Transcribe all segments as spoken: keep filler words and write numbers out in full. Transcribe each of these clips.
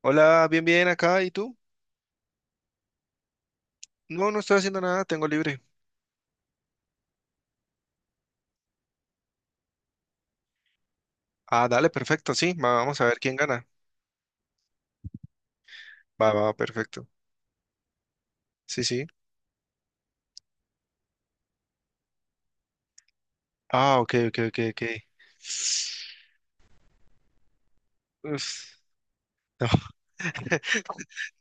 Hola, bien, bien acá. ¿Y tú? No, no estoy haciendo nada, tengo libre. Ah, dale, perfecto, sí. va- Vamos a ver quién gana. Va, va, perfecto. Sí, sí. Ah, ok, ok, ok, ok. Uf, no,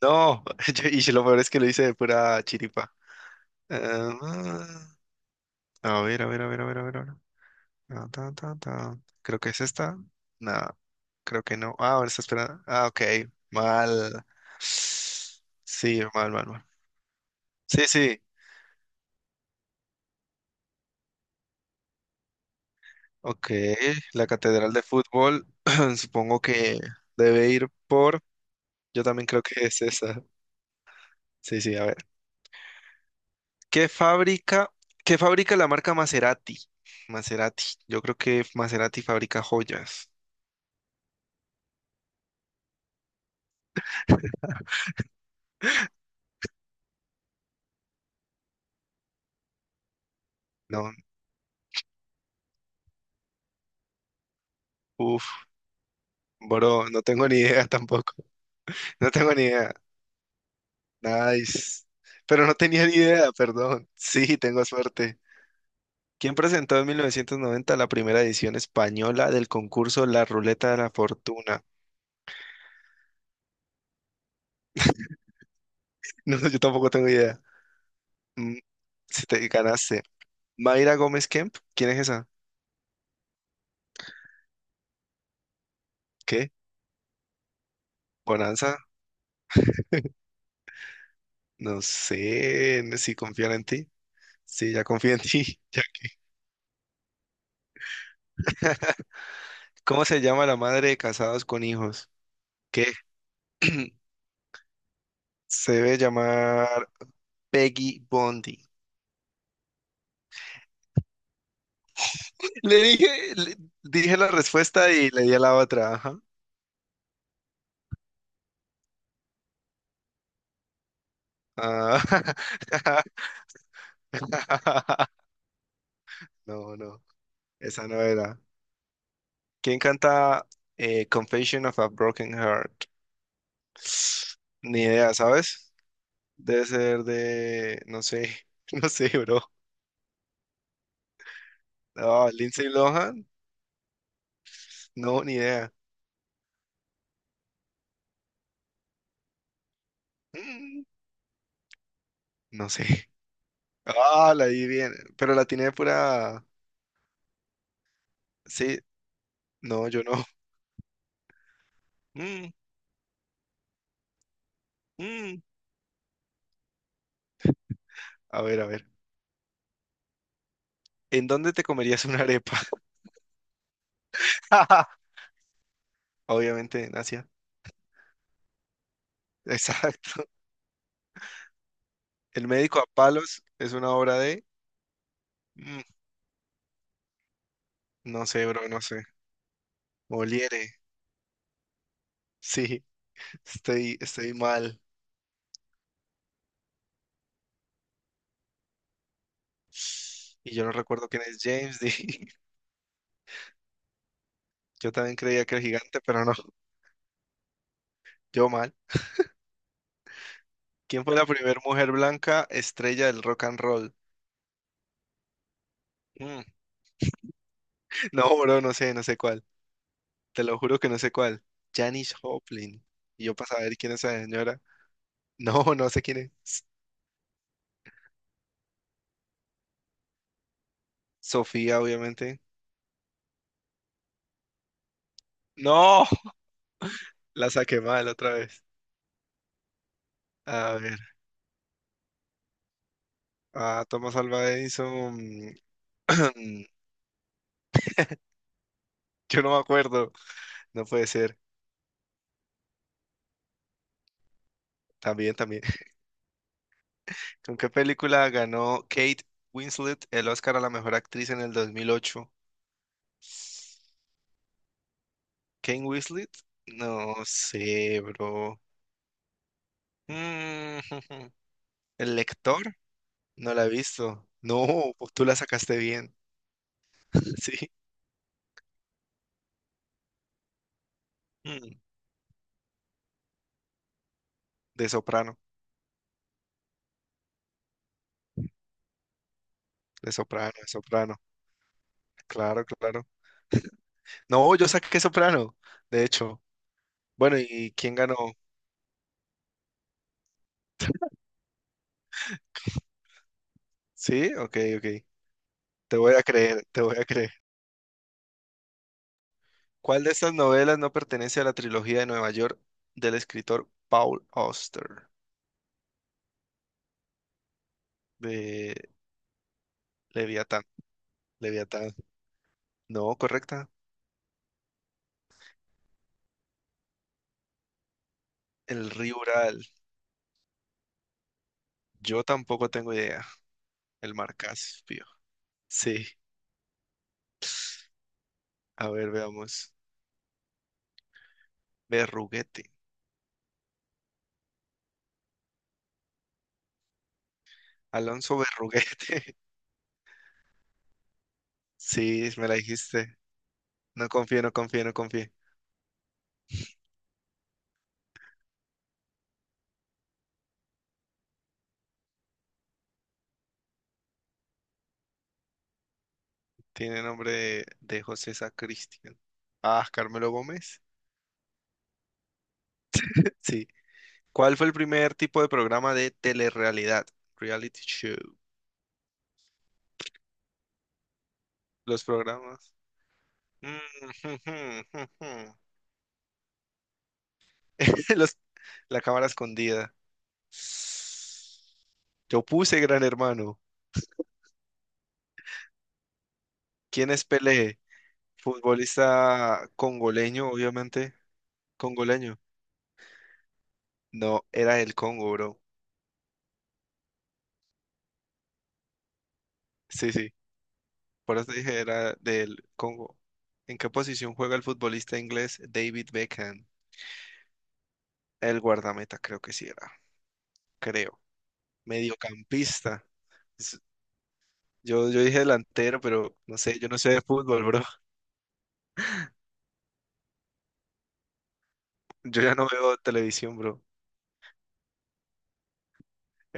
no. yo- Y lo peor es que lo hice de pura chiripa. Ah, a ver, a ver, a ver, a ver, a ver, a ver. Ah, ta, ta, ta. Creo que es esta. No, creo que no. Ah, ahora está esperando. Ah, ok. Mal. Sí, mal, mal, mal. Sí, sí. Ok, la Catedral de Fútbol, supongo que debe ir por, yo también creo que es esa. Sí, sí, a ver. ¿Qué fábrica, ¿Qué fabrica la marca Maserati? Maserati, yo creo que Maserati fabrica joyas. No, uff, bro, no tengo ni idea tampoco. No tengo ni idea. Nice. Pero no tenía ni idea, perdón. Sí, tengo suerte. ¿Quién presentó en mil novecientos noventa la primera edición española del concurso La Ruleta de la Fortuna? No, yo tampoco tengo idea. Mm, si te ganaste. Mayra Gómez Kemp, ¿quién es esa? ¿Qué? ¿Bonanza? No sé, no- sé si confían en ti. Sí, ya confío en ti. Ya. ¿Cómo se llama la madre de casados con hijos? ¿Qué? Se debe llamar Peggy Bondi. Le dije, le- dije la respuesta y le di a la otra. Ajá. Ah, no, no, esa no era. ¿Quién canta eh, Confession of a Broken Heart? Ni idea, ¿sabes? Debe ser de, no sé, no sé, bro. Ah, Lindsay Lohan, no, ni idea. Mm, no sé. Ah, la di bien, pero la tiene pura. Sí, no, yo no. Mm, mm. A ver, a ver. ¿En dónde te comerías una arepa? Obviamente en Asia. Exacto. El médico a palos es una obra de. Mm, no sé, bro, no sé. Moliere. Sí, estoy, estoy mal. Y yo no recuerdo quién es James Dean. Yo también creía que era gigante, pero no. Yo mal. ¿Quién fue la primera mujer blanca estrella del rock and roll? Mm. No, bro, no sé, no sé cuál. Te lo juro que no sé cuál. Janis Joplin. Y yo para saber quién es esa señora. No, no sé quién es. Sofía, obviamente. No, la saqué mal otra vez. A ver. Ah, Thomas Alva Edison. Yo no me acuerdo. No puede ser. También, también. ¿Con qué película ganó Kate Winslet el Oscar a la mejor actriz en el dos mil ocho? Kane Winslet, no sé, bro. Mm, ¿El lector? No la he visto. No, pues tú la sacaste bien. Sí. Mm, de soprano, de soprano, de soprano. Claro, claro. No, yo saqué soprano, de hecho. Bueno, ¿y quién ganó? Sí, ok, ok. Te voy a creer, te voy a creer. ¿Cuál de estas novelas no pertenece a la trilogía de Nueva York del escritor Paul Auster de Leviatán? Leviatán. No, correcta. El río Ural. Yo tampoco tengo idea. El mar. Sí, a ver, veamos. Berruguete. Alonso Berruguete. Sí, me la dijiste. No confío, no confío, no confío. Tiene nombre de, de José Sacristián. Ah, Carmelo Gómez. Sí. ¿Cuál fue el primer tipo de programa de telerrealidad? Reality show. Los programas. Mm, jum, jum, jum, jum. Los, la cámara escondida. Yo puse Gran Hermano. ¿Quién es Pelé? Futbolista congoleño, obviamente. Congoleño. No, era del Congo, bro. Sí, sí. Por eso te dije, era del Congo. ¿En qué posición juega el futbolista inglés David Beckham? El guardameta, creo que sí era. Creo. Mediocampista. S- Yo, yo dije delantero, pero no sé, yo no sé de fútbol, bro. Yo ya no veo televisión, bro.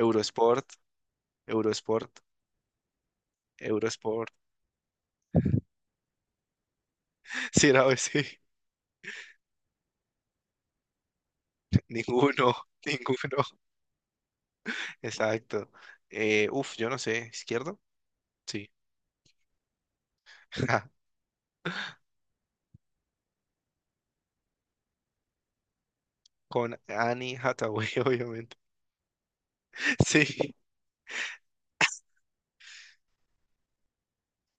Eurosport, Eurosport, Eurosport. Sí, no, sí. Ninguno, ninguno. Exacto. Eh, uf, yo no sé, ¿izquierdo? Sí. Con Annie Hathaway, obviamente. Sí.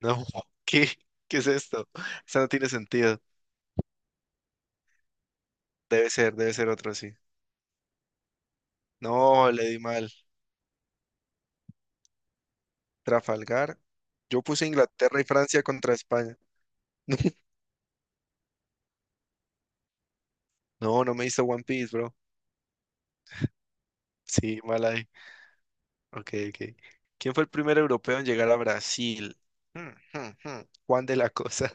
No, ¿qué? ¿Qué es esto? Eso no tiene sentido. Debe ser, debe ser otro así. No, le di mal. Trafalgar. Yo puse Inglaterra y Francia contra España. No, no me hizo One Piece, bro. Sí, mal ahí. Ok, ok. ¿Quién fue el primer europeo en llegar a Brasil? Hmm, hmm, hmm. Juan de la Cosa.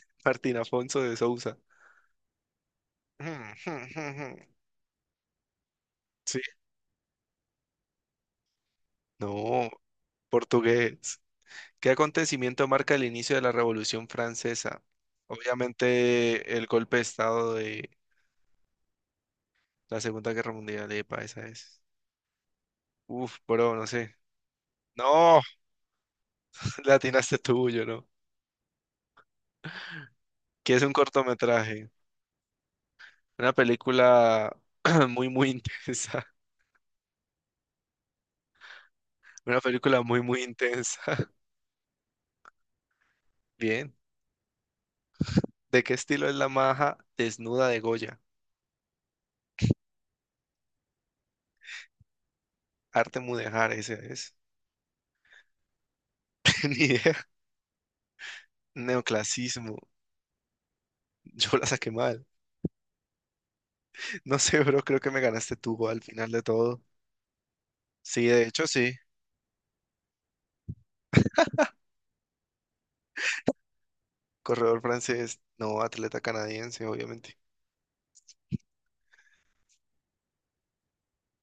Martín Afonso de Sousa. Hmm, hmm, hmm, hmm. Sí. No, portugués. ¿Qué acontecimiento marca el inicio de la Revolución Francesa? Obviamente el golpe de estado de la Segunda Guerra Mundial, epa, esa es. Uf, bro, no sé. No, la atinaste tú, yo no. ¿Qué es un cortometraje? Una película muy, muy intensa. Una película muy, muy intensa. Bien. ¿De qué estilo es la maja desnuda de Goya? Arte mudéjar, ese es. Ni idea. Neoclasismo. Yo la saqué mal. No sé, bro, creo que me ganaste tú al final de todo. Sí, de hecho, sí. Corredor francés, no atleta canadiense, obviamente.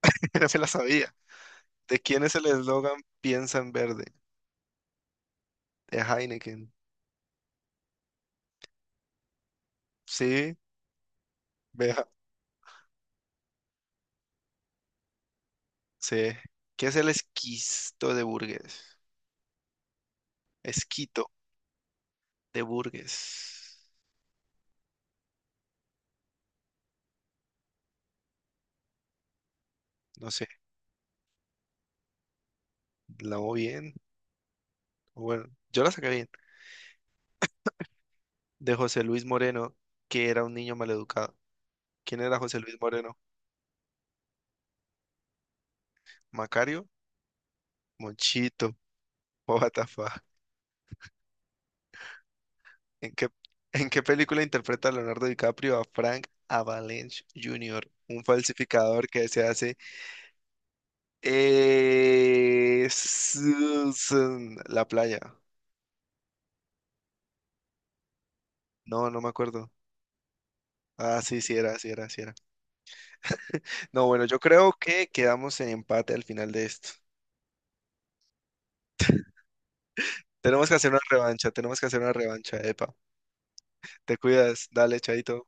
Ya me la sabía. ¿De quién es el eslogan Piensa en verde? De Heineken. Sí, vea. Sí. ¿Qué es el esquisto de Burgues? Esquito de Burgues. No sé, la hago bien. O bueno, yo la saqué bien. De José Luis Moreno, que era un niño maleducado. ¿Quién era José Luis Moreno? ¿Macario? Monchito. What the fuck? ¿En qué, ¿En qué película interpreta Leonardo DiCaprio a Frank Avalanche júnior, un falsificador que se hace eh, Susan, la playa? No, no me acuerdo. Ah, sí, sí era, sí era, sí era. No, bueno, yo creo que quedamos en empate al final de esto. Tenemos que hacer una revancha, tenemos que hacer una revancha, epa. Te cuidas, dale, chaito.